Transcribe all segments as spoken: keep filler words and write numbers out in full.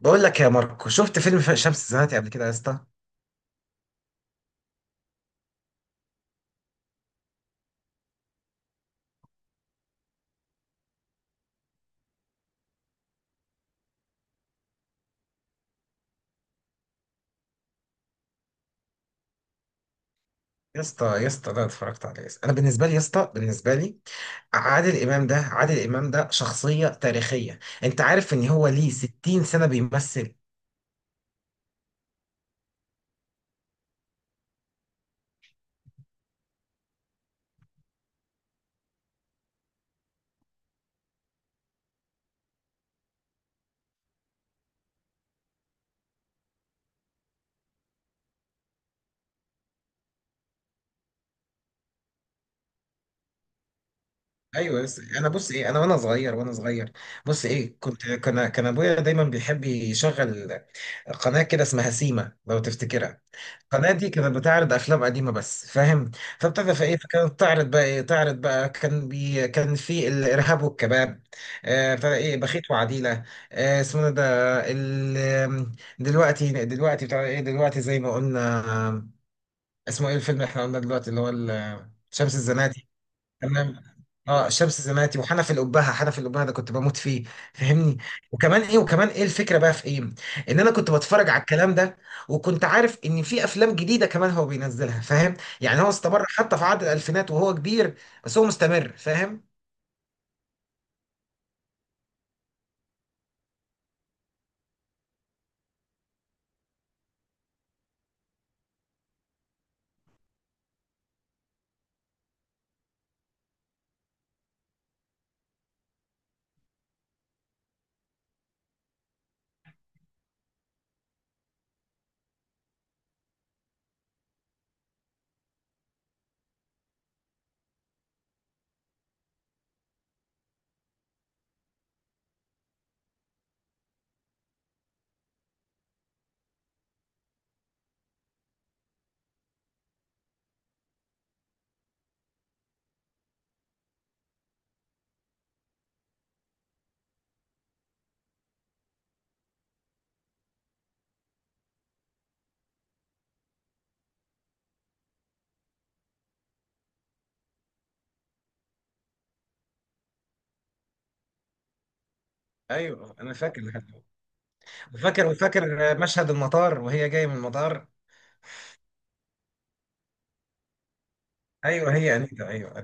بقول لك يا ماركو شفت فيلم ف- شمس الزناتي قبل كده يا اسطى. يا اسطى يا اسطى ده اتفرجت عليه يا اسطى. انا بالنسبه لي يا اسطى بالنسبه لي عادل امام ده عادل امام ده شخصيه تاريخيه. انت عارف ان هو ليه ستين سنه بيمثل؟ ايوه بس انا بص ايه انا وانا صغير وانا صغير. بص ايه كنت كان كان ابويا دايما بيحب يشغل قناه كده اسمها سيما، لو تفتكرها. القناة دي كانت بتعرض أفلام قديمة بس، فاهم؟ فابتدى في إيه، فكانت تعرض بقى إيه، تعرض بقى كان بي كان في الإرهاب والكباب. آه، ابتدى إيه، بخيت وعديلة. آه، اسمه ده ال... دلوقتي دلوقتي بتاع إيه، دلوقتي زي ما قلنا. آه، اسمه إيه الفيلم اللي إحنا قلنا دلوقتي اللي هو ال- شمس الزناتي. تمام. اه شمس زناتي وحنف الأبهة، حنف الأبهة ده كنت بموت فيه، فاهمني؟ وكمان ايه، وكمان ايه الفكرة بقى في ايه؟ ان انا كنت بتفرج على الكلام ده، وكنت عارف ان في افلام جديدة كمان هو بينزلها، فاهم؟ يعني هو استمر حتى في عقد الالفينات وهو كبير، بس هو مستمر، فاهم؟ ايوه انا فاكر لحد دلوقتي. وفاكر وفاكر مشهد المطار وهي جاية من المطار. ايوه هي انيتا ايوه.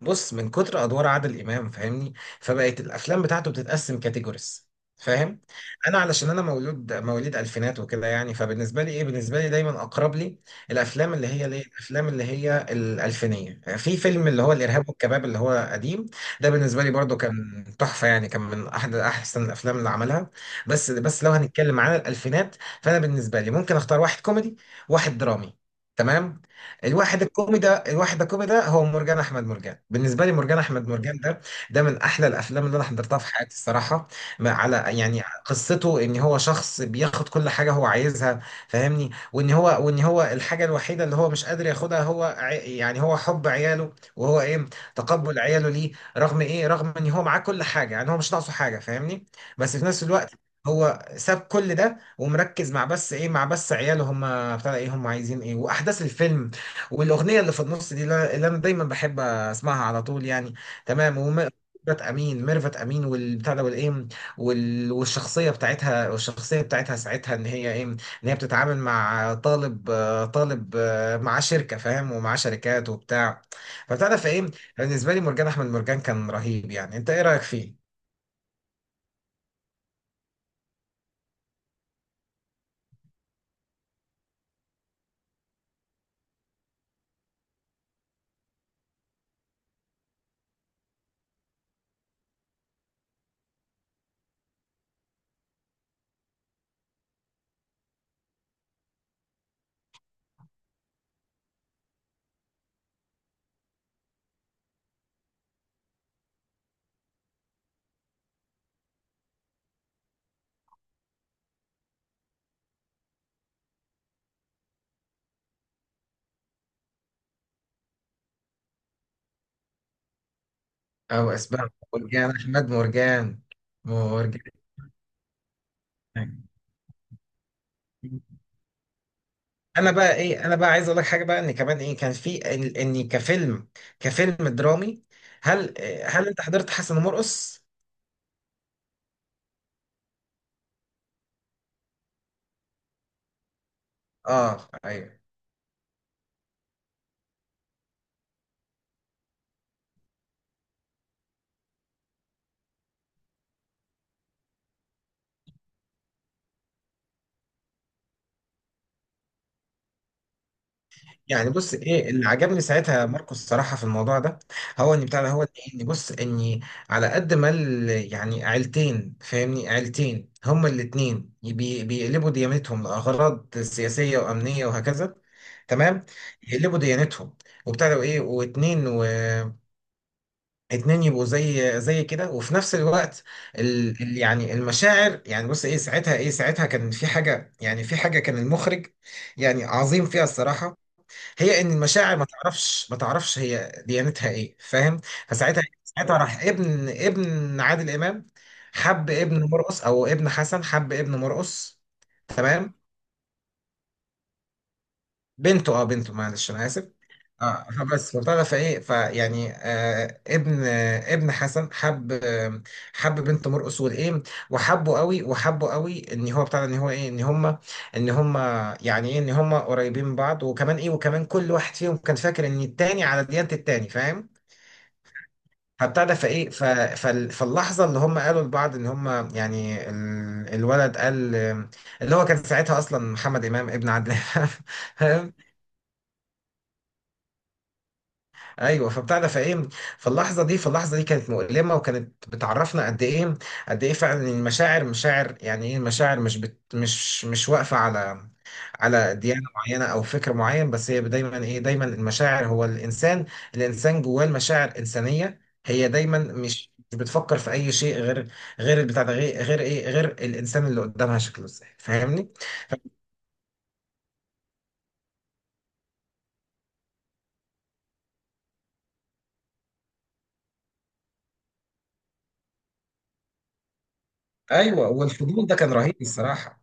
بص من كتر ادوار عادل امام، فاهمني؟ فبقت الافلام بتاعته بتتقسم كاتيجوريز، فاهم؟ انا علشان انا مولود مواليد الفينات وكده، يعني فبالنسبه لي ايه، بالنسبه لي دايما اقرب لي الافلام اللي هي ليه، الافلام اللي هي الالفينيه. في فيلم اللي هو الارهاب والكباب اللي هو قديم، ده بالنسبه لي برضو كان تحفه، يعني كان من احد احسن الافلام اللي عملها. بس بس لو هنتكلم عن الالفينات، فانا بالنسبه لي ممكن اختار واحد كوميدي، واحد درامي. تمام. الواحد الكومي ده الواحد الكومي ده هو مرجان احمد مرجان. بالنسبه لي مرجان احمد مرجان ده، ده من احلى الافلام اللي انا حضرتها في حياتي الصراحه. ما على، يعني قصته ان هو شخص بياخد كل حاجه هو عايزها، فاهمني؟ وان هو وان هو الحاجه الوحيده اللي هو مش قادر ياخدها هو عي- يعني هو حب عياله، وهو ايه، تقبل عياله ليه، رغم ايه، رغم ان هو معاه كل حاجه، يعني هو مش ناقصه حاجه، فاهمني؟ بس في نفس الوقت هو ساب كل ده ومركز مع بس ايه، مع بس عياله، هم بتاع ايه، هم عايزين ايه، واحداث الفيلم والاغنيه اللي في النص دي لا- اللي انا دايما بحب اسمعها على طول يعني. تمام وم- ميرفت امين، ميرفت امين والبتاع ده والايه وال- والشخصيه بتاعتها، والشخصيه بتاعتها ساعتها ان هي ايه، ان هي بتتعامل مع طالب، آه، طالب آه، معاه شركه، فاهم؟ ومعاه شركات وبتاع. فبتعرف ايه، بالنسبه لي مرجان احمد مرجان كان رهيب، يعني انت ايه رايك فيه؟ او اسباب مرجان احمد مرجان، مرجان. انا بقى ايه، انا بقى عايز اقول لك حاجه بقى ان كمان ايه، كان في ان إني كفيلم، كفيلم درامي. هل هل انت حضرت حسن ومرقص؟ اه ايوه. يعني بص ايه اللي عجبني ساعتها ماركوس الصراحه في الموضوع ده، هو ان بتاع ده، هو ان بص اني على قد ما ال- يعني عيلتين، فاهمني؟ عيلتين هما الاتنين بي- بيقلبوا ديانتهم لاغراض سياسيه وامنيه وهكذا. تمام. يقلبوا ديانتهم وبتاع ده وايه، واتنين و اتنين، يبقوا زي زي كده وفي نفس الوقت ال ال- يعني المشاعر، يعني بص ايه ساعتها ايه، ساعتها كان في حاجة، يعني في حاجة كان المخرج يعني عظيم فيها الصراحة، هي ان المشاعر ما تعرفش ما تعرفش هي ديانتها ايه، فاهم؟ فساعتها، ساعتها راح ابن ابن عادل امام، حب ابن مرقص او ابن حسن، حب ابن مرقص. تمام. بنته، اه بنته، معلش انا اسف. اه فبس فبتاع ده، فايه فيعني آه ابن، آه ابن حسن حب، آه حب بنت مرقص والايه، وحبه قوي وحبه قوي ان هو بتاع ده، ان هو ايه، ان هم ان هم يعني ايه، ان هم قريبين من بعض. وكمان ايه، وكمان كل واحد فيهم كان فاكر ان التاني على ديانة التاني، فاهم؟ فبتاع ده فايه ف- فال- فاللحظه اللي هم قالوا لبعض ان هم، يعني ال- الولد قال آه، اللي هو كان ساعتها اصلا محمد امام ابن عادل امام. ايوه فبتاع ده فايه، فاللحظه دي فاللحظه دي كانت مؤلمه وكانت بتعرفنا قد ايه، قد ايه فعلا المشاعر مشاعر، يعني ايه المشاعر مش بت مش مش واقفه على على ديانه معينه او فكر معين، بس هي دايما ايه، دايما المشاعر هو الانسان، الانسان جواه المشاعر انسانيه، هي دايما مش مش بتفكر في اي شيء غير غير البتاع ده، غير غير ايه غير الانسان اللي قدامها شكله ازاي، فاهمني؟ ايوه والفضول ده كان رهيب الصراحه.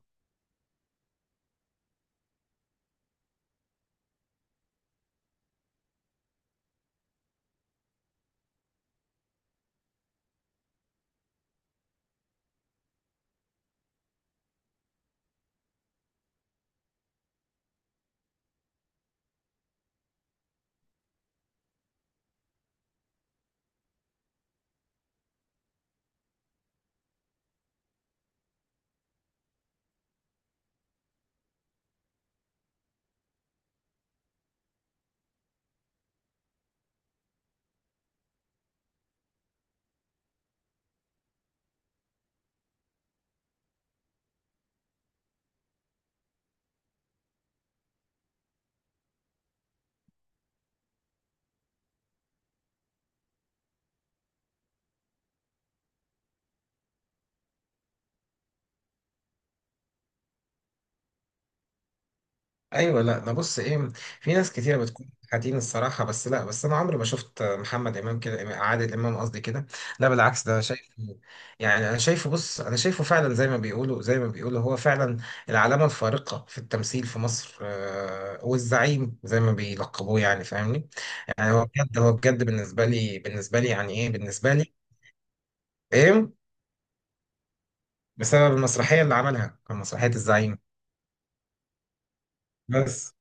ايوه لا ده بص ايه، في ناس كتيره بتكون حاتين الصراحه، بس لا، بس انا عمري ما شفت محمد امام كده، عادل امام قصدي كده. لا بالعكس ده شايف، يعني انا شايفه، بص انا شايفه فعلا زي ما بيقولوا زي ما بيقولوا هو فعلا العلامه الفارقه في التمثيل في مصر، آه، والزعيم زي ما بيلقبوه، يعني فاهمني. يعني هو بجد هو بجد بالنسبه لي، بالنسبه لي يعني ايه، بالنسبه لي ايه، بسبب المسرحيه اللي عملها، كان مسرحيه الزعيم. بس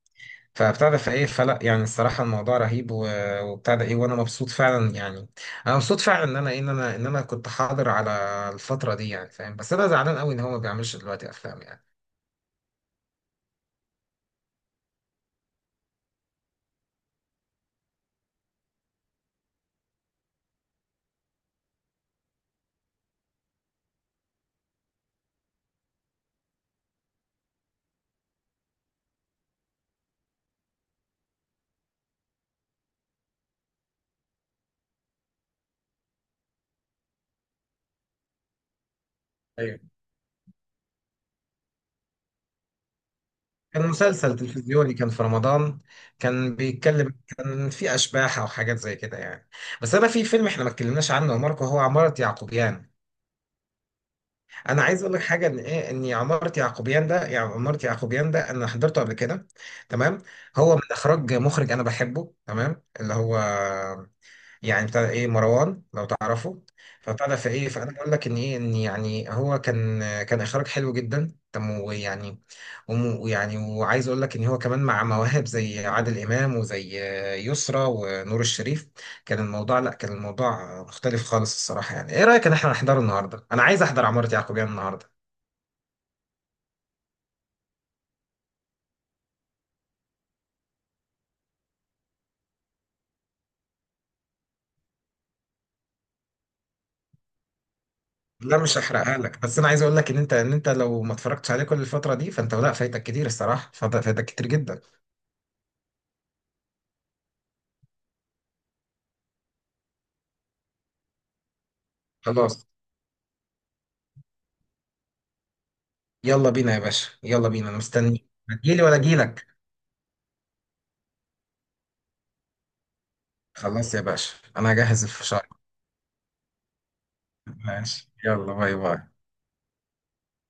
فابتدى فايه، فلا يعني الصراحه الموضوع رهيب و- وابتدى ايه، وانا مبسوط فعلا يعني. انا مبسوط فعلا ان انا إيه، ان انا ان انا كنت حاضر على الفتره دي، يعني فاهم؟ بس انا زعلان قوي ان هو ما بيعملش دلوقتي افلام يعني. ايوه كان مسلسل تلفزيوني كان في رمضان، كان بيتكلم كان في اشباح او حاجات زي كده يعني. بس انا في فيلم احنا ما اتكلمناش عنه يا ماركو، هو عمارة يعقوبيان. انا عايز اقول لك حاجه ان ايه، ان عماره يعقوبيان ده، يعني عماره يعقوبيان ده انا حضرته قبل كده. تمام. هو من اخراج مخرج انا بحبه، تمام، اللي هو يعني بتاع ايه، مروان لو تعرفه. فبتاع ده فايه. مم. فانا بقول لك ان ايه، ان يعني هو كان كان اخراج حلو جدا، تم ويعني وم- ويعني وعايز اقول لك ان هو كمان مع مواهب زي عادل امام وزي آه، يسرا ونور الشريف، كان الموضوع لا كان الموضوع مختلف خالص الصراحه. يعني ايه رايك ان احنا نحضره النهارده؟ انا عايز احضر عمارة يعقوبيان النهارده. لا مش هحرقها لك، بس انا عايز اقول لك ان انت، ان انت لو ما اتفرجتش عليه كل الفتره دي، فانت لا فايتك كتير الصراحه، فايتك فايتك كتير جدا. خلاص يلا بينا يا باشا، يلا بينا، انا مستنيك هتجيلي ولا اجيلك؟ خلاص يا باشا انا هجهز الفشار. ماشي يلا، باي باي.